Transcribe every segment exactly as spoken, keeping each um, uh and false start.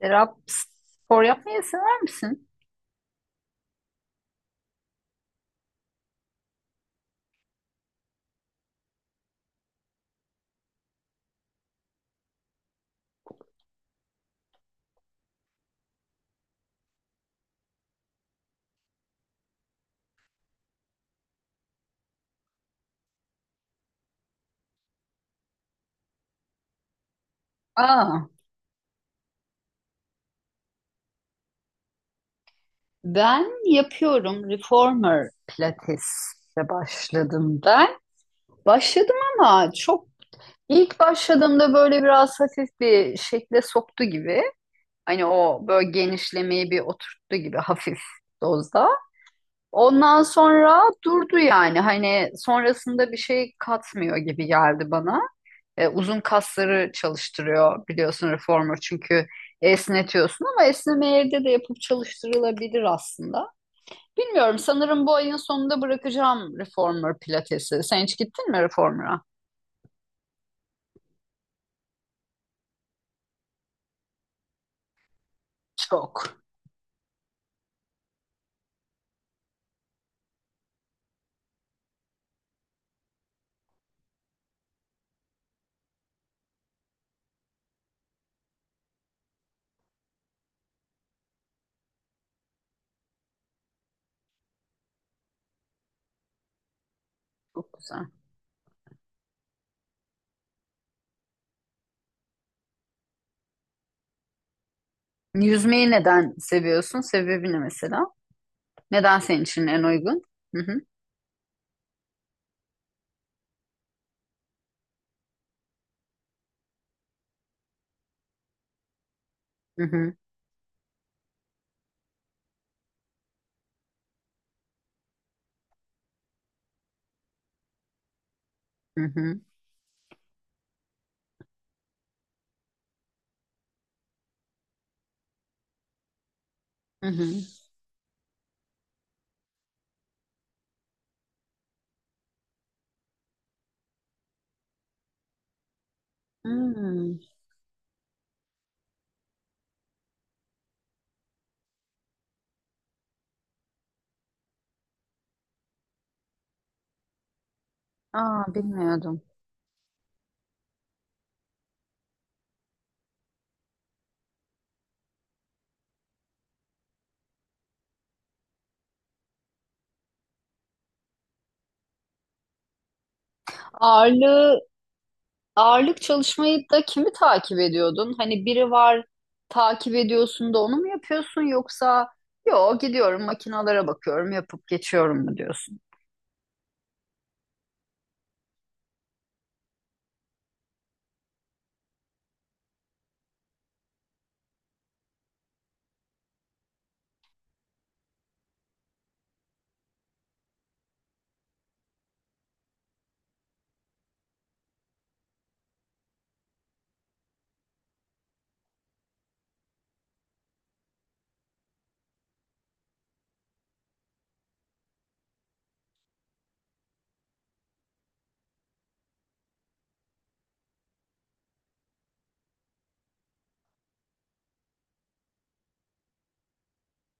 Serap, spor yapmayı sever misin? Aa, ben yapıyorum. Reformer Pilates'e başladım ben. Başladım ama çok ilk başladığımda böyle biraz hafif bir şekle soktu gibi. Hani o böyle genişlemeyi bir oturttu gibi hafif dozda. Ondan sonra durdu yani. Hani sonrasında bir şey katmıyor gibi geldi bana. E, uzun kasları çalıştırıyor biliyorsun reformer çünkü esnetiyorsun ama esneme evde de yapıp çalıştırılabilir aslında. Bilmiyorum, sanırım bu ayın sonunda bırakacağım reformer pilatesi. Sen hiç gittin mi reformer'a? Çok. Çok güzel. Yüzmeyi neden seviyorsun? Sebebi ne mesela? Neden senin için en uygun? Hı hı. Hı hı. Hı hı. Hı hı. Hmm. Aa, bilmiyordum. Ağırlığı, ağırlık çalışmayı da kimi takip ediyordun? Hani biri var, takip ediyorsun da onu mu yapıyorsun, yoksa yo, gidiyorum makinalara bakıyorum yapıp geçiyorum mu diyorsun?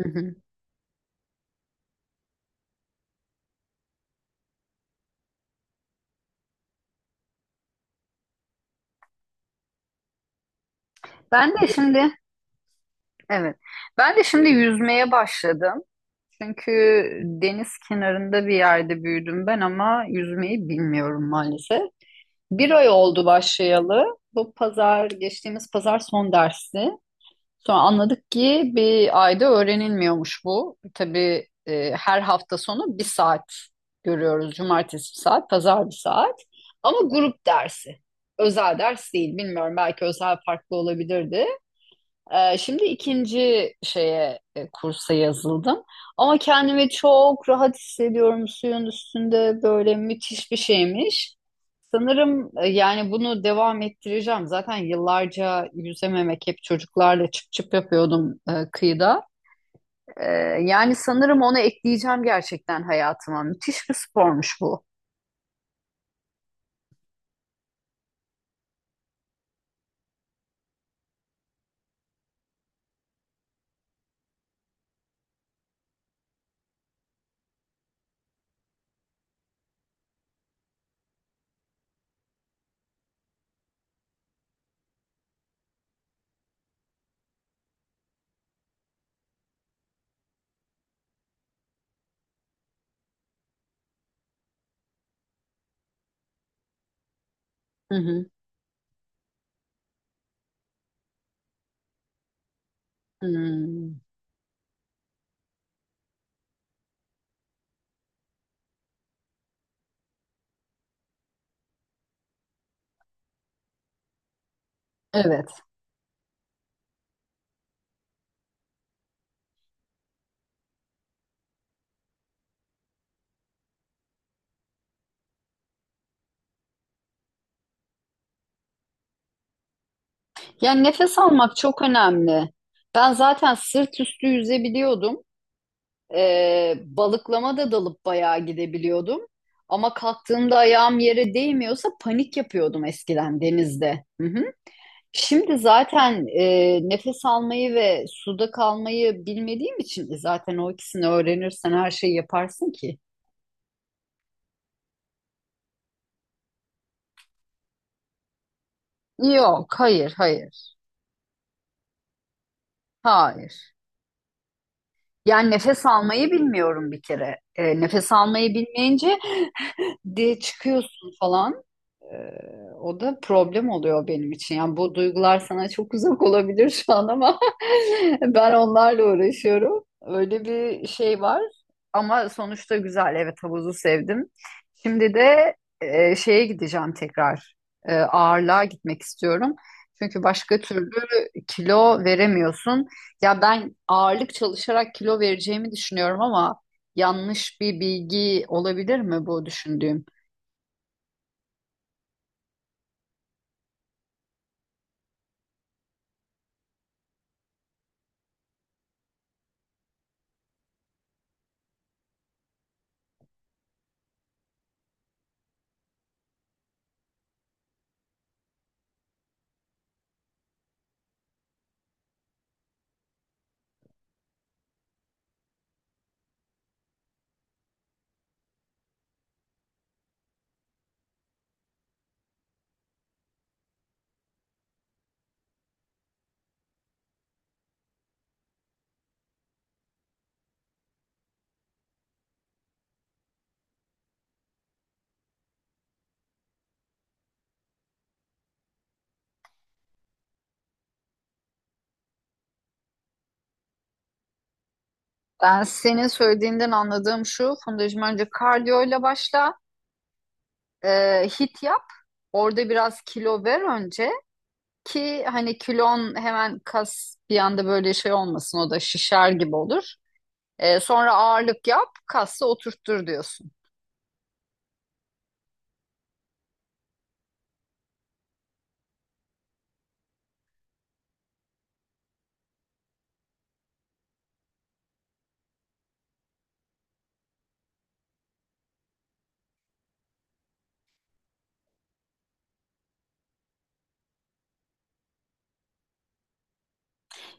Hı hı. Ben de şimdi evet. Ben de şimdi yüzmeye başladım. Çünkü deniz kenarında bir yerde büyüdüm ben, ama yüzmeyi bilmiyorum maalesef. Bir ay oldu başlayalı. Bu pazar, geçtiğimiz pazar son dersi. Sonra anladık ki bir ayda öğrenilmiyormuş bu. Tabii e, her hafta sonu bir saat görüyoruz. Cumartesi bir saat, pazar bir saat. Ama grup dersi. Özel ders değil. Bilmiyorum, belki özel farklı olabilirdi. Ee, şimdi ikinci şeye, e, kursa yazıldım. Ama kendimi çok rahat hissediyorum suyun üstünde, böyle müthiş bir şeymiş. Sanırım e, yani bunu devam ettireceğim. Zaten yıllarca yüzememek, hep çocuklarla çıp çıp yapıyordum e, kıyıda. E, yani sanırım onu ekleyeceğim gerçekten hayatıma. Müthiş bir spormuş bu. Hı hı. Hmm. Evet. Yani nefes almak çok önemli. Ben zaten sırt üstü yüzebiliyordum. Ee, balıklama da dalıp bayağı gidebiliyordum. Ama kalktığımda ayağım yere değmiyorsa panik yapıyordum eskiden denizde. Hı hı. Şimdi zaten e, nefes almayı ve suda kalmayı bilmediğim için e, zaten o ikisini öğrenirsen her şeyi yaparsın ki. Yok, hayır, hayır, hayır. Yani nefes almayı bilmiyorum bir kere. E, nefes almayı bilmeyince de çıkıyorsun falan. Ee, o da problem oluyor benim için. Yani bu duygular sana çok uzak olabilir şu an ama ben onlarla uğraşıyorum. Öyle bir şey var. Ama sonuçta güzel. Evet, havuzu sevdim. Şimdi de e, şeye gideceğim tekrar. E, ağırlığa gitmek istiyorum. Çünkü başka türlü kilo veremiyorsun. Ya ben ağırlık çalışarak kilo vereceğimi düşünüyorum ama yanlış bir bilgi olabilir mi bu düşündüğüm? Ben senin söylediğinden anladığım şu, Fundacığım, önce kardiyoyla başla, e, hit yap, orada biraz kilo ver önce, ki hani kilon hemen, kas bir anda böyle şey olmasın, o da şişer gibi olur. E, sonra ağırlık yap, kası oturttur diyorsun.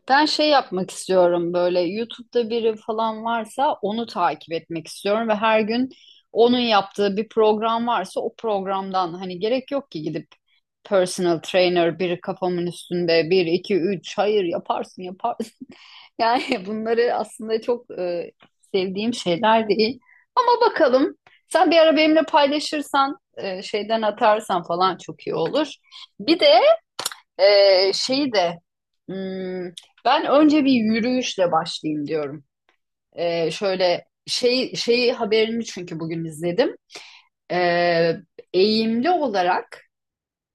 Ben şey yapmak istiyorum, böyle YouTube'da biri falan varsa onu takip etmek istiyorum ve her gün onun yaptığı bir program varsa o programdan, hani gerek yok ki gidip personal trainer biri kafamın üstünde bir iki üç, hayır yaparsın yaparsın. Yani bunları aslında çok e, sevdiğim şeyler değil. Ama bakalım, sen bir ara benimle paylaşırsan e, şeyden atarsan falan çok iyi olur. Bir de ee, şey de hmm, ben önce bir yürüyüşle başlayayım diyorum. Ee, şöyle şey şeyi haberini, çünkü bugün izledim. Ee, eğimli olarak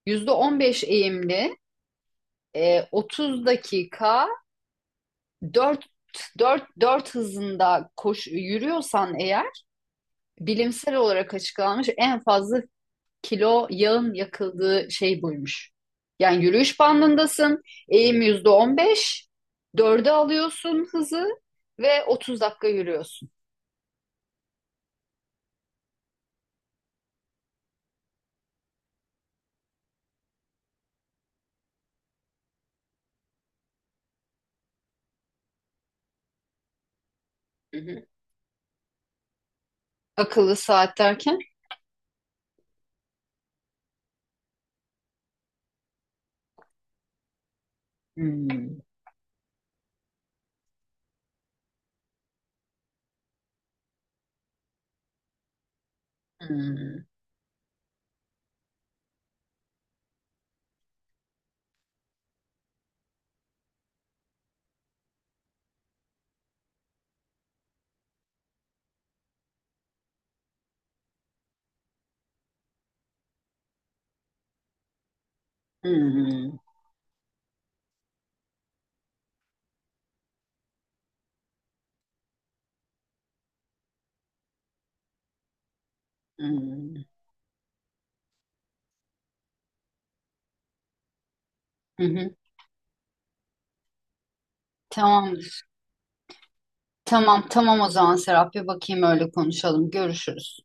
yüzde on beş eğimli, e, otuz dakika dört dört dört hızında koş, yürüyorsan eğer bilimsel olarak açıklanmış en fazla kilo yağın yakıldığı şey buymuş. Yani yürüyüş bandındasın, eğim yüzde on beş, dörde alıyorsun hızı ve otuz dakika yürüyorsun. Hı hı. Akıllı saat derken? Hmm, hmm, hmm, hmm, hı hı. Tamam, tamam, tamam, o zaman Serap, bir bakayım, öyle konuşalım. Görüşürüz.